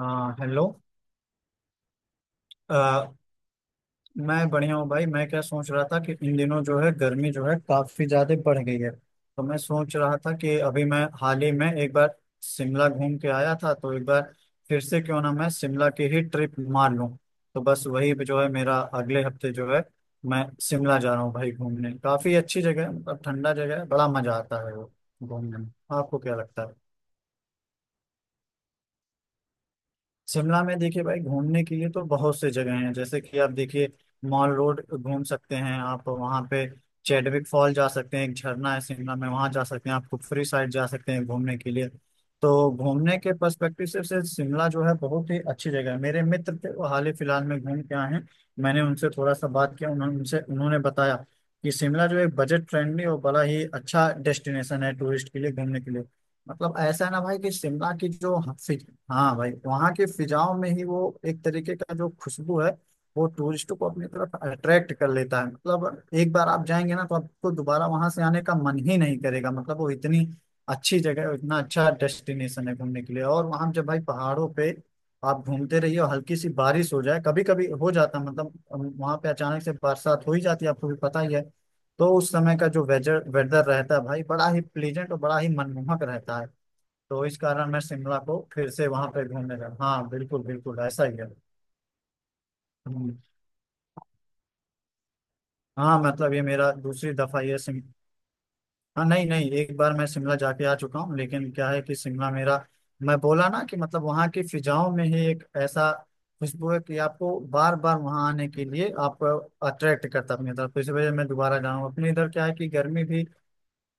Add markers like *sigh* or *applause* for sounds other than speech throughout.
हाँ हेलो। अ, मैं बढ़िया हूँ भाई। मैं क्या सोच रहा था कि इन दिनों जो है गर्मी जो है काफी ज्यादा बढ़ गई है, तो मैं सोच रहा था कि अभी मैं हाल ही में एक बार शिमला घूम के आया था, तो एक बार फिर से क्यों ना मैं शिमला की ही ट्रिप मार लूँ। तो बस वही जो है मेरा अगले हफ्ते जो है मैं शिमला जा रहा हूँ भाई घूमने। काफी अच्छी जगह है, मतलब ठंडा जगह है, बड़ा मजा आता है वो घूमने में। आपको क्या लगता है? शिमला में देखिए भाई घूमने के लिए तो बहुत से जगह हैं। जैसे कि आप देखिए, मॉल रोड घूम सकते हैं आप, वहाँ पे चैडविक फॉल जा सकते हैं, एक झरना है शिमला में वहाँ जा सकते हैं, आप कुफरी साइड जा सकते हैं घूमने के लिए। तो घूमने के पर्सपेक्टिव से शिमला जो है बहुत ही अच्छी जगह है। मेरे मित्र थे वो हाल ही फिलहाल में घूम के आए हैं, मैंने उनसे थोड़ा सा बात किया, उन्होंने उनसे उन्होंने बताया कि शिमला जो है बजट फ्रेंडली और बड़ा ही अच्छा डेस्टिनेशन है टूरिस्ट के लिए घूमने के लिए। मतलब ऐसा है ना भाई कि शिमला की जो हाँ भाई वहाँ की फिजाओं में ही वो एक तरीके का जो खुशबू है, वो टूरिस्टों को अपनी तरफ अट्रैक्ट कर लेता है। मतलब एक बार आप जाएंगे ना तो आपको दोबारा वहां से आने का मन ही नहीं करेगा। मतलब वो इतनी अच्छी जगह है, इतना अच्छा डेस्टिनेशन है घूमने के लिए। और वहां जब भाई पहाड़ों पे आप घूमते रहिए और हल्की सी बारिश हो जाए, कभी कभी हो जाता है, मतलब वहां पे अचानक से बरसात हो ही जाती है, आपको भी पता ही है। तो उस समय का जो वेदर वेदर रहता है भाई बड़ा ही प्लीजेंट और बड़ा ही मनमोहक रहता है। तो इस कारण मैं शिमला को फिर से वहां पे घूमने गया। हाँ बिल्कुल बिल्कुल ऐसा ही है। हम्म, हाँ मतलब ये मेरा दूसरी दफा ये सिम। हाँ नहीं नहीं, एक बार मैं शिमला जाके आ चुका हूँ, लेकिन क्या है कि शिमला मेरा, मैं बोला ना कि मतलब वहाँ की फिजाओं में ही एक ऐसा खुशबू है कि आपको बार बार वहाँ आने के लिए आप अट्रैक्ट करता है अपनी तरफ। तो इस वजह से मैं दोबारा जाऊँ। अपने इधर क्या है कि गर्मी भी,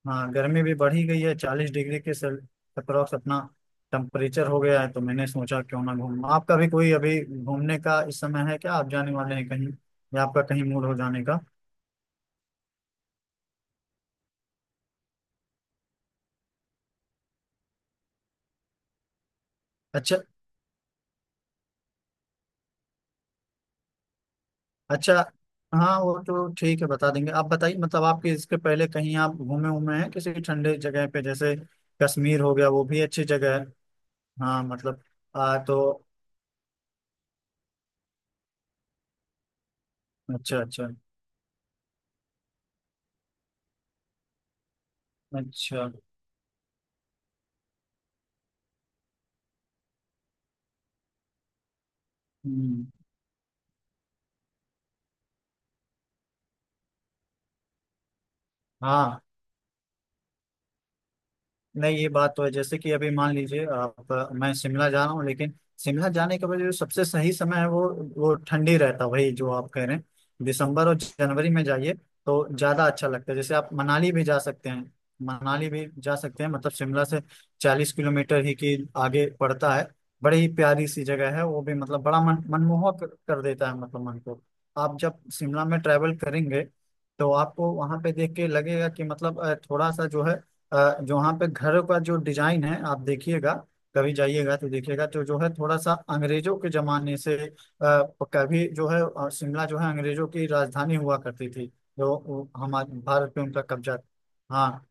हाँ गर्मी भी बढ़ ही गई है। 40 डिग्री के सेल अप्रॉक्स अपना टेम्परेचर हो गया है, तो मैंने सोचा क्यों ना घूम। आपका भी कोई अभी घूमने का इस समय है क्या? आप जाने वाले हैं कहीं या आपका कहीं मूड हो जाने का? अच्छा अच्छा। हाँ वो तो ठीक है बता देंगे, आप बताइए। मतलब आपके इसके पहले कहीं आप घूमे उमे हैं किसी ठंडे जगह पे? जैसे कश्मीर हो गया, वो भी अच्छी जगह है। हाँ मतलब तो अच्छा अच्छा अच्छा। हम्म हाँ नहीं ये बात तो है। जैसे कि अभी मान लीजिए आप, मैं शिमला जा रहा हूँ लेकिन शिमला जाने के बाद जो सबसे सही समय है, वो ठंडी रहता है, वही जो आप कह रहे हैं, दिसंबर और जनवरी में जाइए तो ज्यादा अच्छा लगता है। जैसे आप मनाली भी जा सकते हैं, मनाली भी जा सकते हैं, मतलब शिमला से 40 किलोमीटर ही की आगे पड़ता है। बड़ी ही प्यारी सी जगह है वो भी, मतलब बड़ा मन मनमोहक कर देता है मतलब मन को। आप जब शिमला में ट्रैवल करेंगे तो आपको वहां पे देख के लगेगा कि मतलब थोड़ा सा जो है, जहाँ पे घर का जो डिजाइन है आप देखिएगा, कभी जाइएगा तो देखिएगा तो जो है थोड़ा सा अंग्रेजों के जमाने से। कभी जो है शिमला जो है अंग्रेजों की राजधानी हुआ करती थी जो, हमारे भारत पे उनका कब्जा था। हाँ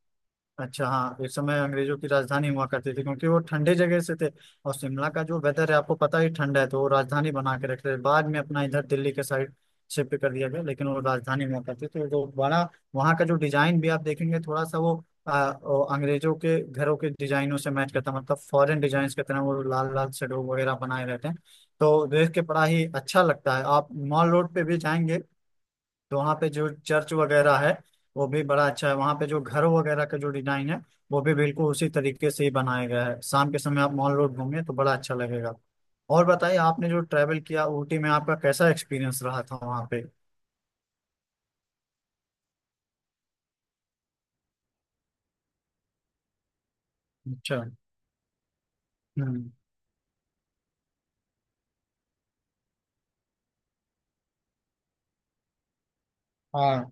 अच्छा। हाँ इस समय अंग्रेजों की राजधानी हुआ करती थी क्योंकि वो ठंडे जगह से थे, और शिमला का जो वेदर है आपको पता ही ठंडा है, तो वो राजधानी बना के रखते थे। बाद में अपना इधर दिल्ली के साइड शिफ्ट कर दिया गया, लेकिन वो राजधानी हुआ करती थी। तो जो बड़ा वहाँ का जो डिजाइन भी आप देखेंगे थोड़ा सा वो वो अंग्रेजों के घरों के डिजाइनों से मैच करता है। मतलब फॉरेन डिजाइन की तरह वो लाल लाल शेडो वगैरह बनाए रहते हैं, तो देख के बड़ा ही अच्छा लगता है। आप मॉल रोड पे भी जाएंगे तो वहाँ पे जो चर्च वगैरह है, वो भी बड़ा अच्छा है। वहाँ पे जो घर वगैरह का जो डिजाइन है, वो भी बिल्कुल उसी तरीके से ही बनाया गया है। शाम के समय आप मॉल रोड घूमें तो बड़ा अच्छा लगेगा। और बताइए आपने जो ट्रैवल किया ऊटी में आपका कैसा एक्सपीरियंस रहा था वहाँ पे? अच्छा। हम्म हाँ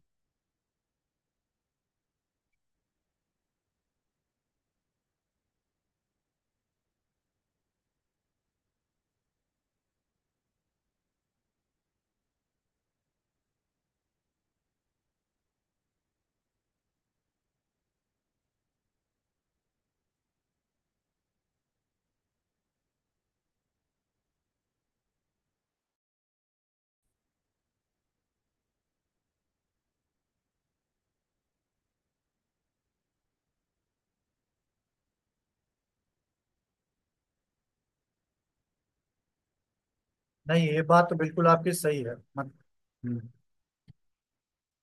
नहीं ये बात तो बिल्कुल आपकी सही है। मत, हम्म,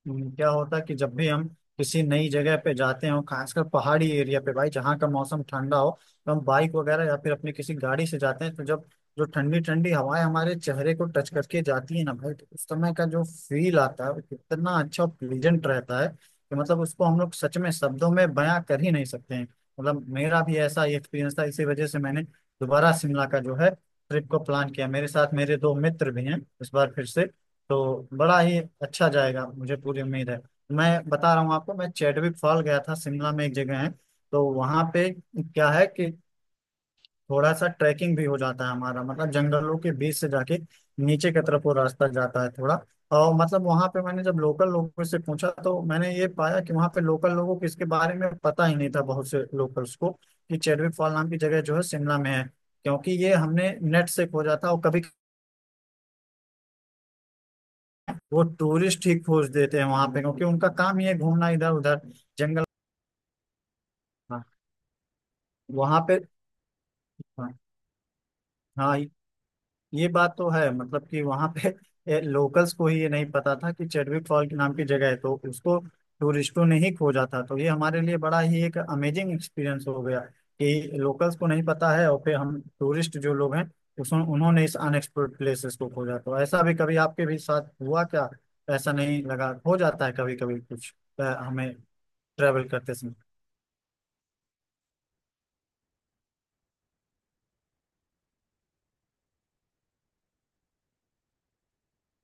क्या होता है कि जब भी हम किसी नई जगह पे जाते हो खासकर पहाड़ी एरिया पे भाई, जहाँ का मौसम ठंडा हो, तो हम बाइक वगैरह या फिर अपनी किसी गाड़ी से जाते हैं, तो जब जो ठंडी ठंडी हवाएं हमारे चेहरे को टच करके जाती है ना भाई, तो उस समय का जो फील आता है वो कितना अच्छा और प्लीजेंट रहता है कि मतलब उसको हम लोग सच में शब्दों में बयां कर ही नहीं सकते हैं। मतलब मेरा भी ऐसा ही एक्सपीरियंस था, इसी वजह से मैंने दोबारा शिमला का जो है ट्रिप को प्लान किया। मेरे साथ मेरे दो मित्र भी हैं इस बार फिर से, तो बड़ा ही अच्छा जाएगा मुझे पूरी उम्मीद है। मैं बता रहा हूँ आपको, मैं चैडविक फॉल गया था, शिमला में एक जगह है, तो वहां पे क्या है कि थोड़ा सा ट्रैकिंग भी हो जाता है हमारा, मतलब जंगलों के बीच से जाके नीचे की तरफ वो रास्ता जाता है थोड़ा। और मतलब वहां पे मैंने जब लोकल लोगों से पूछा, तो मैंने ये पाया कि वहां पे लोकल लोगों को इसके बारे में पता ही नहीं था, बहुत से लोकल्स को, कि चैडविक फॉल नाम की जगह जो है शिमला में है। क्योंकि ये हमने नेट से खोजा था, और कभी वो टूरिस्ट ही खोज देते हैं वहां पे क्योंकि उनका काम ही है घूमना इधर उधर जंगल। हाँ वहां पे। हाँ हाँ, ये बात तो है। मतलब कि वहां पे लोकल्स को ही ये नहीं पता था कि चेडविक फॉल के नाम की जगह है, तो उसको टूरिस्टों ने ही खोजा था, तो ये हमारे लिए बड़ा ही एक अमेजिंग एक्सपीरियंस हो गया कि लोकल्स को नहीं पता है, और फिर हम टूरिस्ट जो लोग हैं, उस उन्होंने इस अनएक्सप्लोर्ड प्लेसेस को खोजा। तो ऐसा भी कभी आपके भी साथ हुआ क्या? ऐसा नहीं लगा हो जाता है कभी कभी कुछ हमें ट्रेवल करते समय?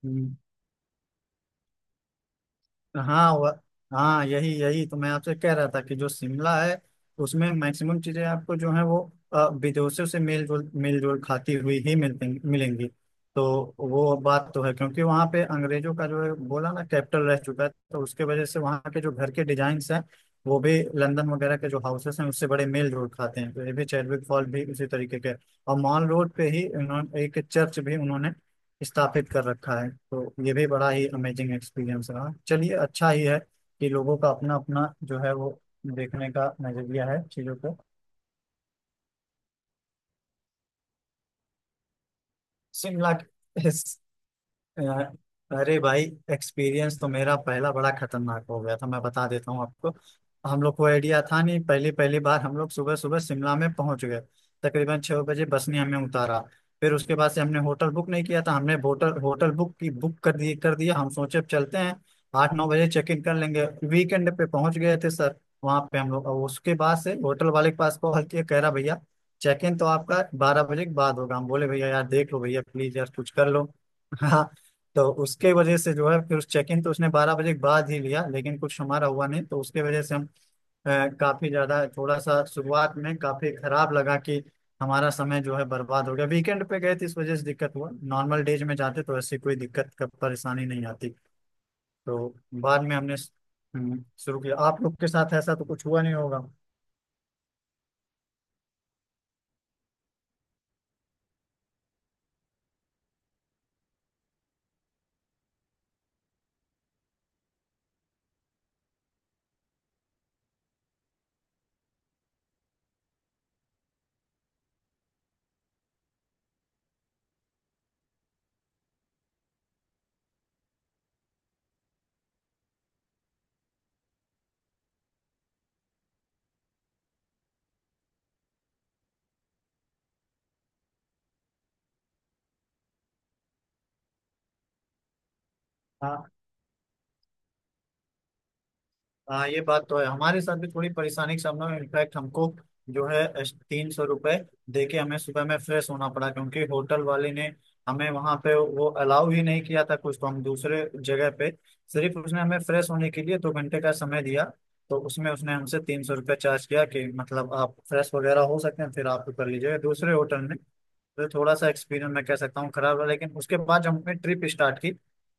हम्म, हाँ वह। हाँ यही यही तो मैं आपसे कह रहा था कि जो शिमला है उसमें मैक्सिमम चीजें आपको जो है वो विदेशों से मेल जोल खाती हुई ही मिलती मिलेंगी। तो वो बात तो है क्योंकि वहाँ पे अंग्रेजों का जो है बोला ना कैपिटल रह चुका है, तो उसके वजह से वहाँ के जो घर के डिजाइन्स हैं, वो भी लंदन वगैरह के जो हाउसेस हैं उससे बड़े मेल जोल खाते हैं। तो ये भी चैडविक फॉल भी उसी तरीके के। और मॉल रोड पे ही उन्होंने एक चर्च भी उन्होंने स्थापित कर रखा है। तो ये भी बड़ा ही अमेजिंग एक्सपीरियंस रहा। चलिए अच्छा ही है कि लोगों का अपना अपना जो है वो देखने का नजरिया है चीज़ों को। शिमला के- *laughs* अ- अरे भाई, एक्सपीरियंस तो मेरा पहला बड़ा खतरनाक हो गया था, मैं बता देता हूँ आपको। हम लोग को आइडिया था नहीं, पहली पहली बार हम लोग सुबह सुबह शिमला में पहुंच गए तकरीबन 6 बजे बस ने हमें उतारा। फिर उसके बाद से हमने होटल बुक नहीं किया था, हमने होटल होटल बुक कर दिया। हम सोचे अब चलते हैं 8-9 बजे चेक इन कर लेंगे। वीकेंड पे पहुंच गए थे सर वहाँ पे हम लोग, और उसके बाद से होटल वाले के पास कॉल किया, कह रहा भैया चेक इन तो आपका 12 बजे के बाद होगा। हम बोले भैया यार देख लो भैया, प्लीज यार कुछ कर लो। *laughs* तो उसके वजह से जो है फिर उस चेक इन तो उसने 12 बजे के बाद ही लिया, लेकिन कुछ हमारा हुआ नहीं, तो उसके वजह से हम काफी ज्यादा थोड़ा सा शुरुआत में काफी खराब लगा कि हमारा समय जो है बर्बाद हो गया। वीकेंड पे गए थे इस वजह से दिक्कत हुआ, नॉर्मल डेज में जाते तो ऐसी कोई दिक्कत का परेशानी नहीं आती। तो बाद में हमने शुरू किया। आप लोग के साथ ऐसा तो कुछ हुआ नहीं होगा? हाँ ये बात तो है, हमारे साथ भी थोड़ी परेशानी का सामना हुआ। इनफैक्ट हमको जो है 300 रुपये दे के हमें सुबह में फ्रेश होना पड़ा, क्योंकि होटल वाले ने हमें वहाँ पे वो अलाउ ही नहीं किया था कुछ, तो हम दूसरे जगह पे, सिर्फ उसने हमें फ्रेश होने के लिए 2 घंटे का समय दिया, तो उसमें उसने हमसे 300 रुपये चार्ज किया कि मतलब आप फ्रेश वगैरह हो सकते हैं, फिर आप कर लीजिएगा दूसरे होटल में। तो थोड़ा सा एक्सपीरियंस मैं कह सकता हूँ खराब रहा, लेकिन उसके बाद जब हमने ट्रिप स्टार्ट की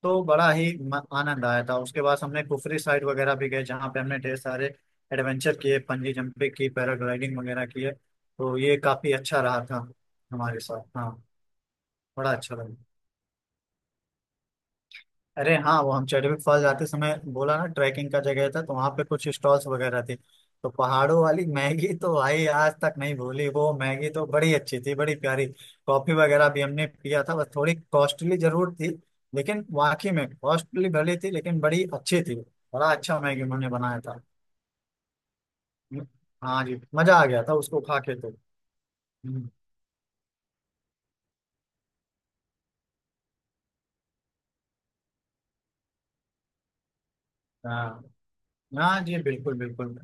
तो बड़ा ही आनंद आया था। उसके बाद हमने कुफरी साइड वगैरह भी गए जहाँ पे हमने ढेर सारे एडवेंचर किए, बंजी जंपिंग की, पैराग्लाइडिंग वगैरह किए, तो ये काफी अच्छा रहा था हमारे साथ। हाँ बड़ा अच्छा लगा। अरे हाँ वो हम चैडविक फॉल जाते समय बोला ना ट्रैकिंग का जगह था, तो वहाँ पे कुछ स्टॉल्स वगैरह थे। तो पहाड़ों वाली मैगी तो भाई आज तक नहीं भूली, वो मैगी तो बड़ी अच्छी थी, बड़ी प्यारी। कॉफी वगैरह भी हमने पिया था, बस थोड़ी कॉस्टली जरूर थी, लेकिन वाकई में कॉस्टली भले थी लेकिन बड़ी अच्छी थी। बड़ा अच्छा मैगी उन्होंने बनाया था। हम्म, हाँ जी मजा आ गया था उसको खा के तो। हम्म, हाँ। हाँ जी बिल्कुल बिल्कुल।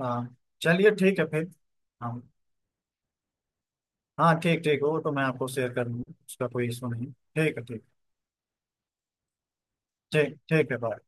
हाँ चलिए ठीक है फिर। हाँ। हाँ ठीक ठीक, वो तो मैं आपको शेयर कर दूंगा, उसका कोई इशू नहीं। ठीक है ठीक। ठीक ठीक है बाय।